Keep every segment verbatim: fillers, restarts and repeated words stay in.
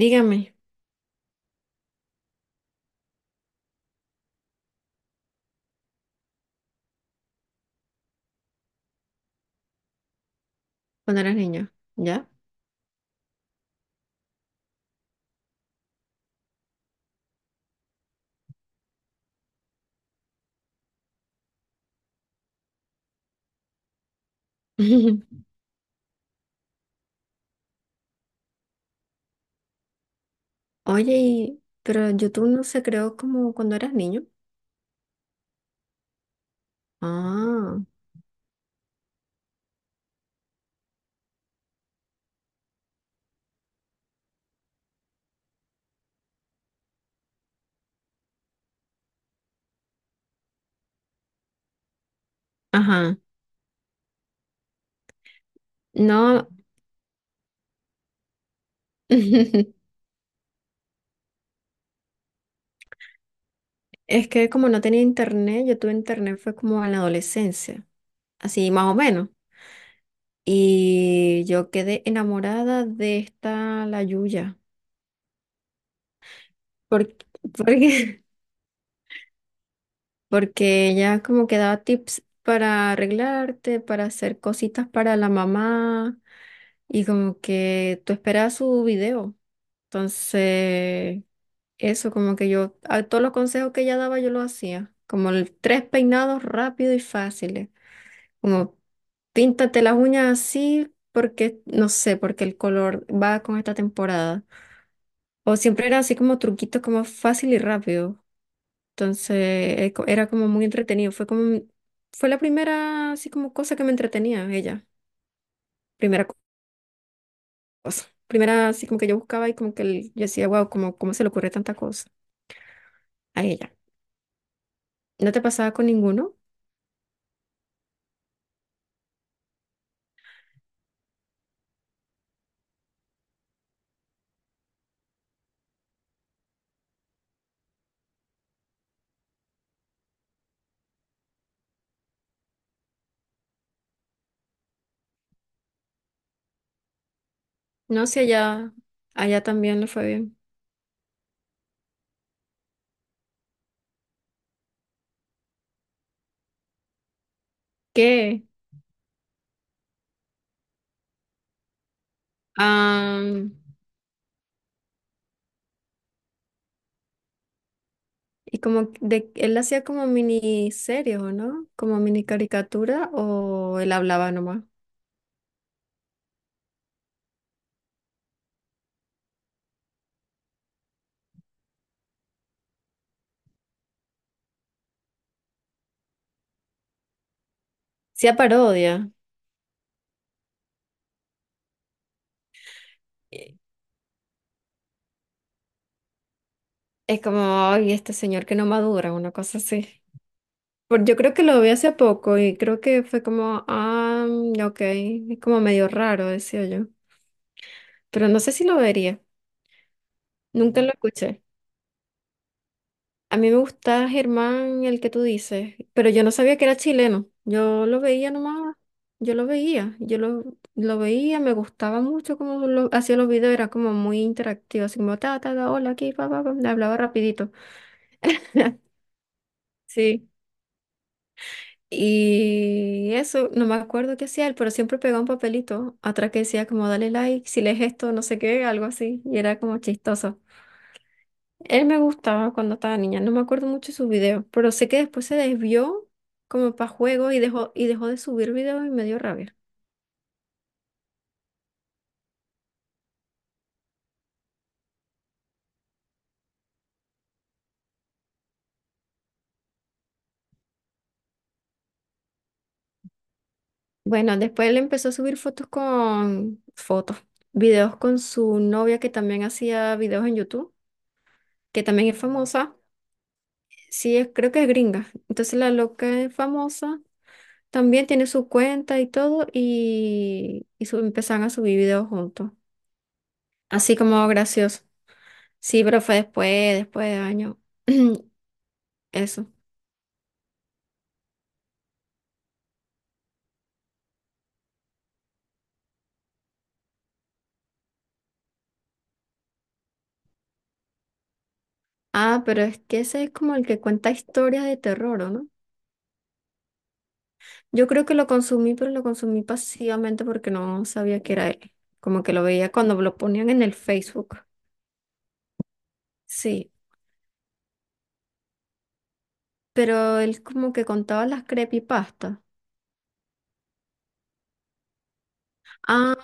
Dígame, cuando eras niño, ¿ya? Oye, y- pero YouTube no se creó como cuando eras niño. Ah, ajá. No, es que como no tenía internet, yo tuve internet fue como en la adolescencia, así más o menos. Y yo quedé enamorada de esta, la Yuya, porque, porque, porque ella como que daba tips para arreglarte, para hacer cositas para la mamá, y como que tú esperabas su video. Entonces, eso como que yo, a todos los consejos que ella daba, yo los hacía. Como el- tres peinados rápidos y fáciles. Como píntate las uñas así porque, no sé, porque el color va con esta temporada. O siempre era así como truquitos como fácil y rápido. Entonces, eh, co- era como muy entretenido. Fue como, un- fue la primera así como cosa que me entretenía ella. Primera co- Cosa. Primera así como que yo buscaba y como que el- yo decía, wow, como, ¿cómo se le ocurre tanta cosa a ella? ¿No te pasaba con ninguno? No, si allá, allá también le fue bien. ¿Qué? Am, y como de, él hacía como miniseries, ¿o no? Como mini caricatura, o él hablaba nomás. Sí, a parodia. Y es como, ay, este señor que no madura, una cosa así. Por- yo creo que lo vi hace poco y creo que fue como, ah, mm, ok, es como medio raro, decía yo. Pero no sé si lo vería. Nunca lo escuché. A mí me gusta Germán, el que tú dices, pero yo no sabía que era chileno. Yo lo veía nomás, yo lo veía, yo lo, lo veía, me gustaba mucho como lo, hacía los videos, era como muy interactivo, así como ta, ta, ta, hola, aquí, pa, pa, pa, me hablaba rapidito. Sí. Y eso, no me acuerdo qué hacía él, pero siempre pegaba un papelito atrás que decía como dale like, si lees esto, no sé qué, algo así, y era como chistoso. Él me gustaba cuando estaba niña, no me acuerdo mucho de sus videos, pero sé que después se desvió como para juegos y dejó, y dejó de subir videos y me dio rabia. Bueno, después él empezó a subir fotos con fotos, videos con su novia que también hacía videos en YouTube, que también es famosa. Sí, es- creo que es gringa. Entonces la loca es famosa, también tiene su cuenta y todo y, y su- empezaron a subir videos juntos, así como gracioso. Sí, pero fue después, después de años. Eso. Ah, pero es que ese es como el que cuenta historias de terror, ¿o no? Yo creo que lo consumí, pero lo consumí pasivamente porque no sabía que era él. Como que lo veía cuando lo ponían en el Facebook. Sí, pero él como que contaba las creepypastas. Ah,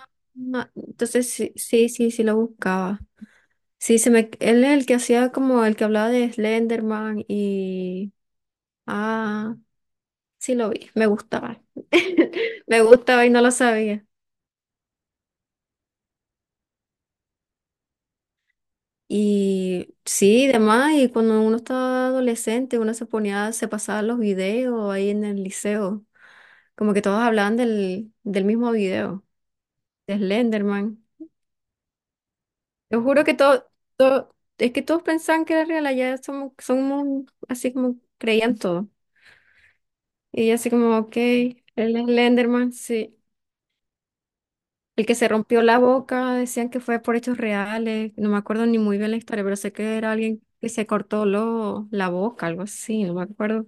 ah, entonces sí, sí, sí, sí lo buscaba. Sí, se me, él es el que hacía como el que hablaba de Slenderman y... Ah, sí lo vi, me gustaba. Me gustaba y no lo sabía. Y sí, demás, y cuando uno estaba adolescente, uno se ponía, se pasaba los videos ahí en el liceo, como que todos hablaban del, del mismo video, de Slenderman. Yo juro que todo, todo, es que todos pensaban que era real, allá somos, somos así como creían todo. Y así como, ok, el Slenderman, sí. El que se rompió la boca, decían que fue por hechos reales, no me acuerdo ni muy bien la historia, pero sé que era alguien que se cortó lo- la boca, algo así, no me acuerdo.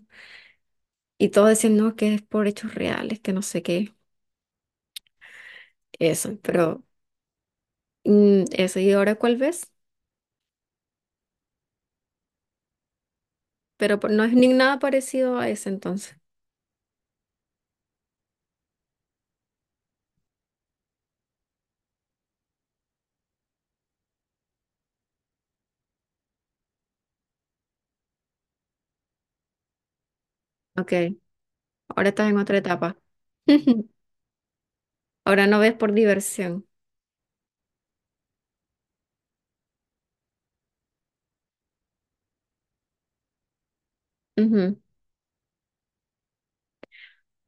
Y todos decían, no, que es por hechos reales, que no sé qué. Eso, pero mm, eso. ¿Y ahora cuál ves? Pero por- no es ni nada parecido a ese entonces. Ok, ahora estás en otra etapa. Ahora no ves por diversión. Ujú.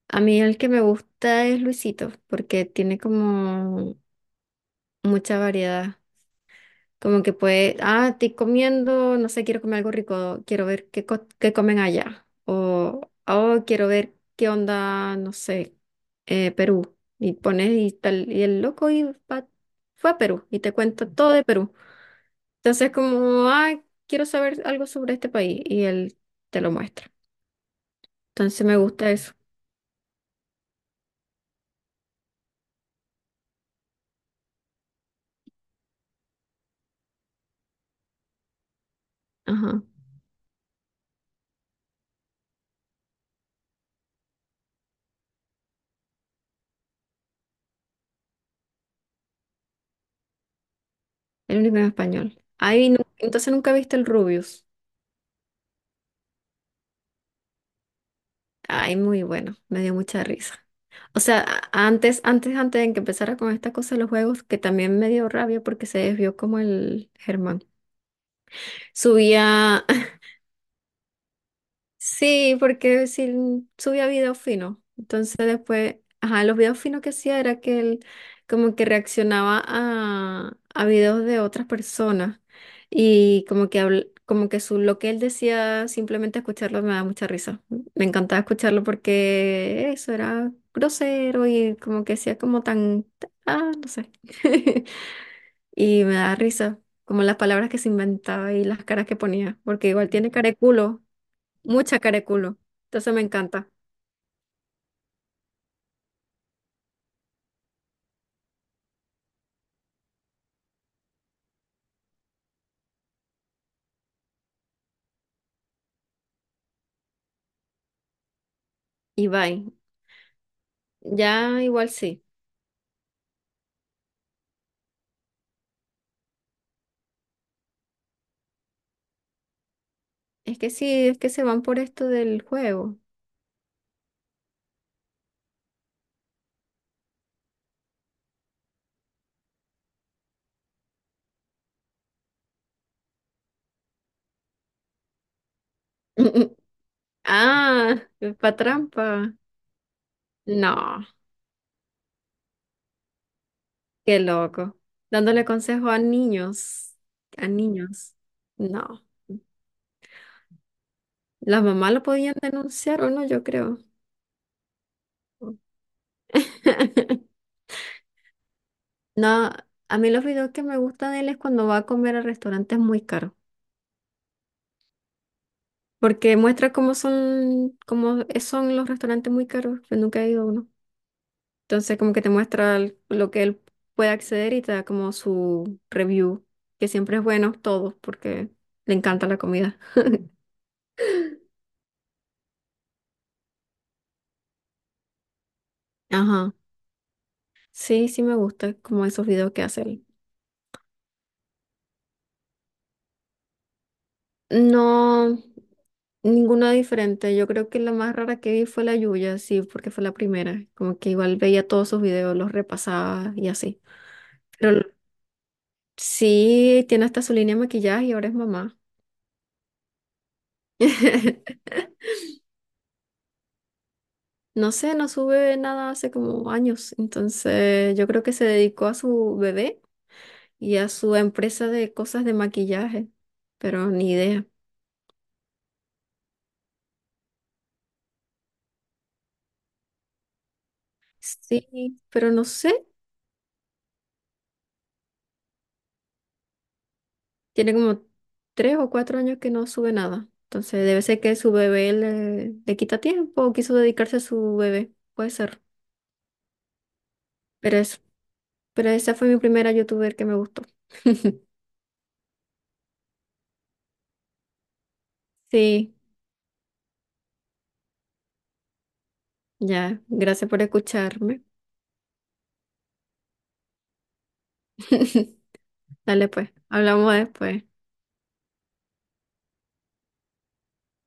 A mí el que me gusta es Luisito, porque tiene como mucha variedad. Como que puede, ah, estoy comiendo, no sé, quiero comer algo rico, quiero ver qué, co- qué comen allá. O, oh, quiero ver qué onda, no sé, eh, Perú. Y pones y tal, y el loco y va- fue a Perú y te cuenta todo de Perú. Entonces, como, ah, quiero saber algo sobre este país y él te lo muestra. Entonces, me gusta eso. Ajá, el único en español. Ay, nu- entonces nunca viste el Rubius. Ay, muy bueno, me dio mucha risa. O sea, a- antes, antes, antes de que empezara con esta cosa de los juegos, que también me dio rabia porque se desvió como el Germán. Subía. Sí, porque sí subía videos finos. Entonces después, ajá, los videos finos que hacía era que él como que reaccionaba a, a videos de otras personas y como que habl- como que su, lo que él decía, simplemente escucharlo me da mucha risa. Me encantaba escucharlo porque eso era grosero y como que hacía como tan, ah, no sé. Y me da risa, como las palabras que se inventaba y las caras que ponía, porque igual tiene cara de culo. Mucha careculo. Entonces me encanta. Y bye. Ya igual sí. Es que sí, es que se van por esto del juego. Ah, pa' trampa. No, qué loco. Dándole consejo a niños. A niños. No. Las mamás lo podían denunciar o no, yo creo. No, a mí los videos que me gustan de él es cuando va a comer a restaurantes muy caros, porque muestra cómo son, cómo son los restaurantes muy caros, que nunca he ido a uno. Entonces como que te muestra el- lo que él puede acceder y te da como su review, que siempre es bueno todo porque le encanta la comida. Ajá. Sí, sí me gusta como esos videos que hace él. No, ninguna diferente. Yo creo que la más rara que vi fue la Yuya, sí, porque fue la primera. Como que igual veía todos sus videos, los repasaba y así. Pero l- sí, tiene hasta su línea de maquillaje y ahora es mamá. No sé, no sube nada hace como años. Entonces, yo creo que se dedicó a su bebé y a su empresa de cosas de maquillaje, pero ni idea. Sí, pero no sé, tiene como tres o cuatro años que no sube nada. Entonces, debe ser que su bebé le, le quita tiempo o quiso dedicarse a su bebé. Puede ser. Pero eso, pero esa fue mi primera youtuber que me gustó. Sí, ya. Gracias por escucharme. Dale pues, hablamos después.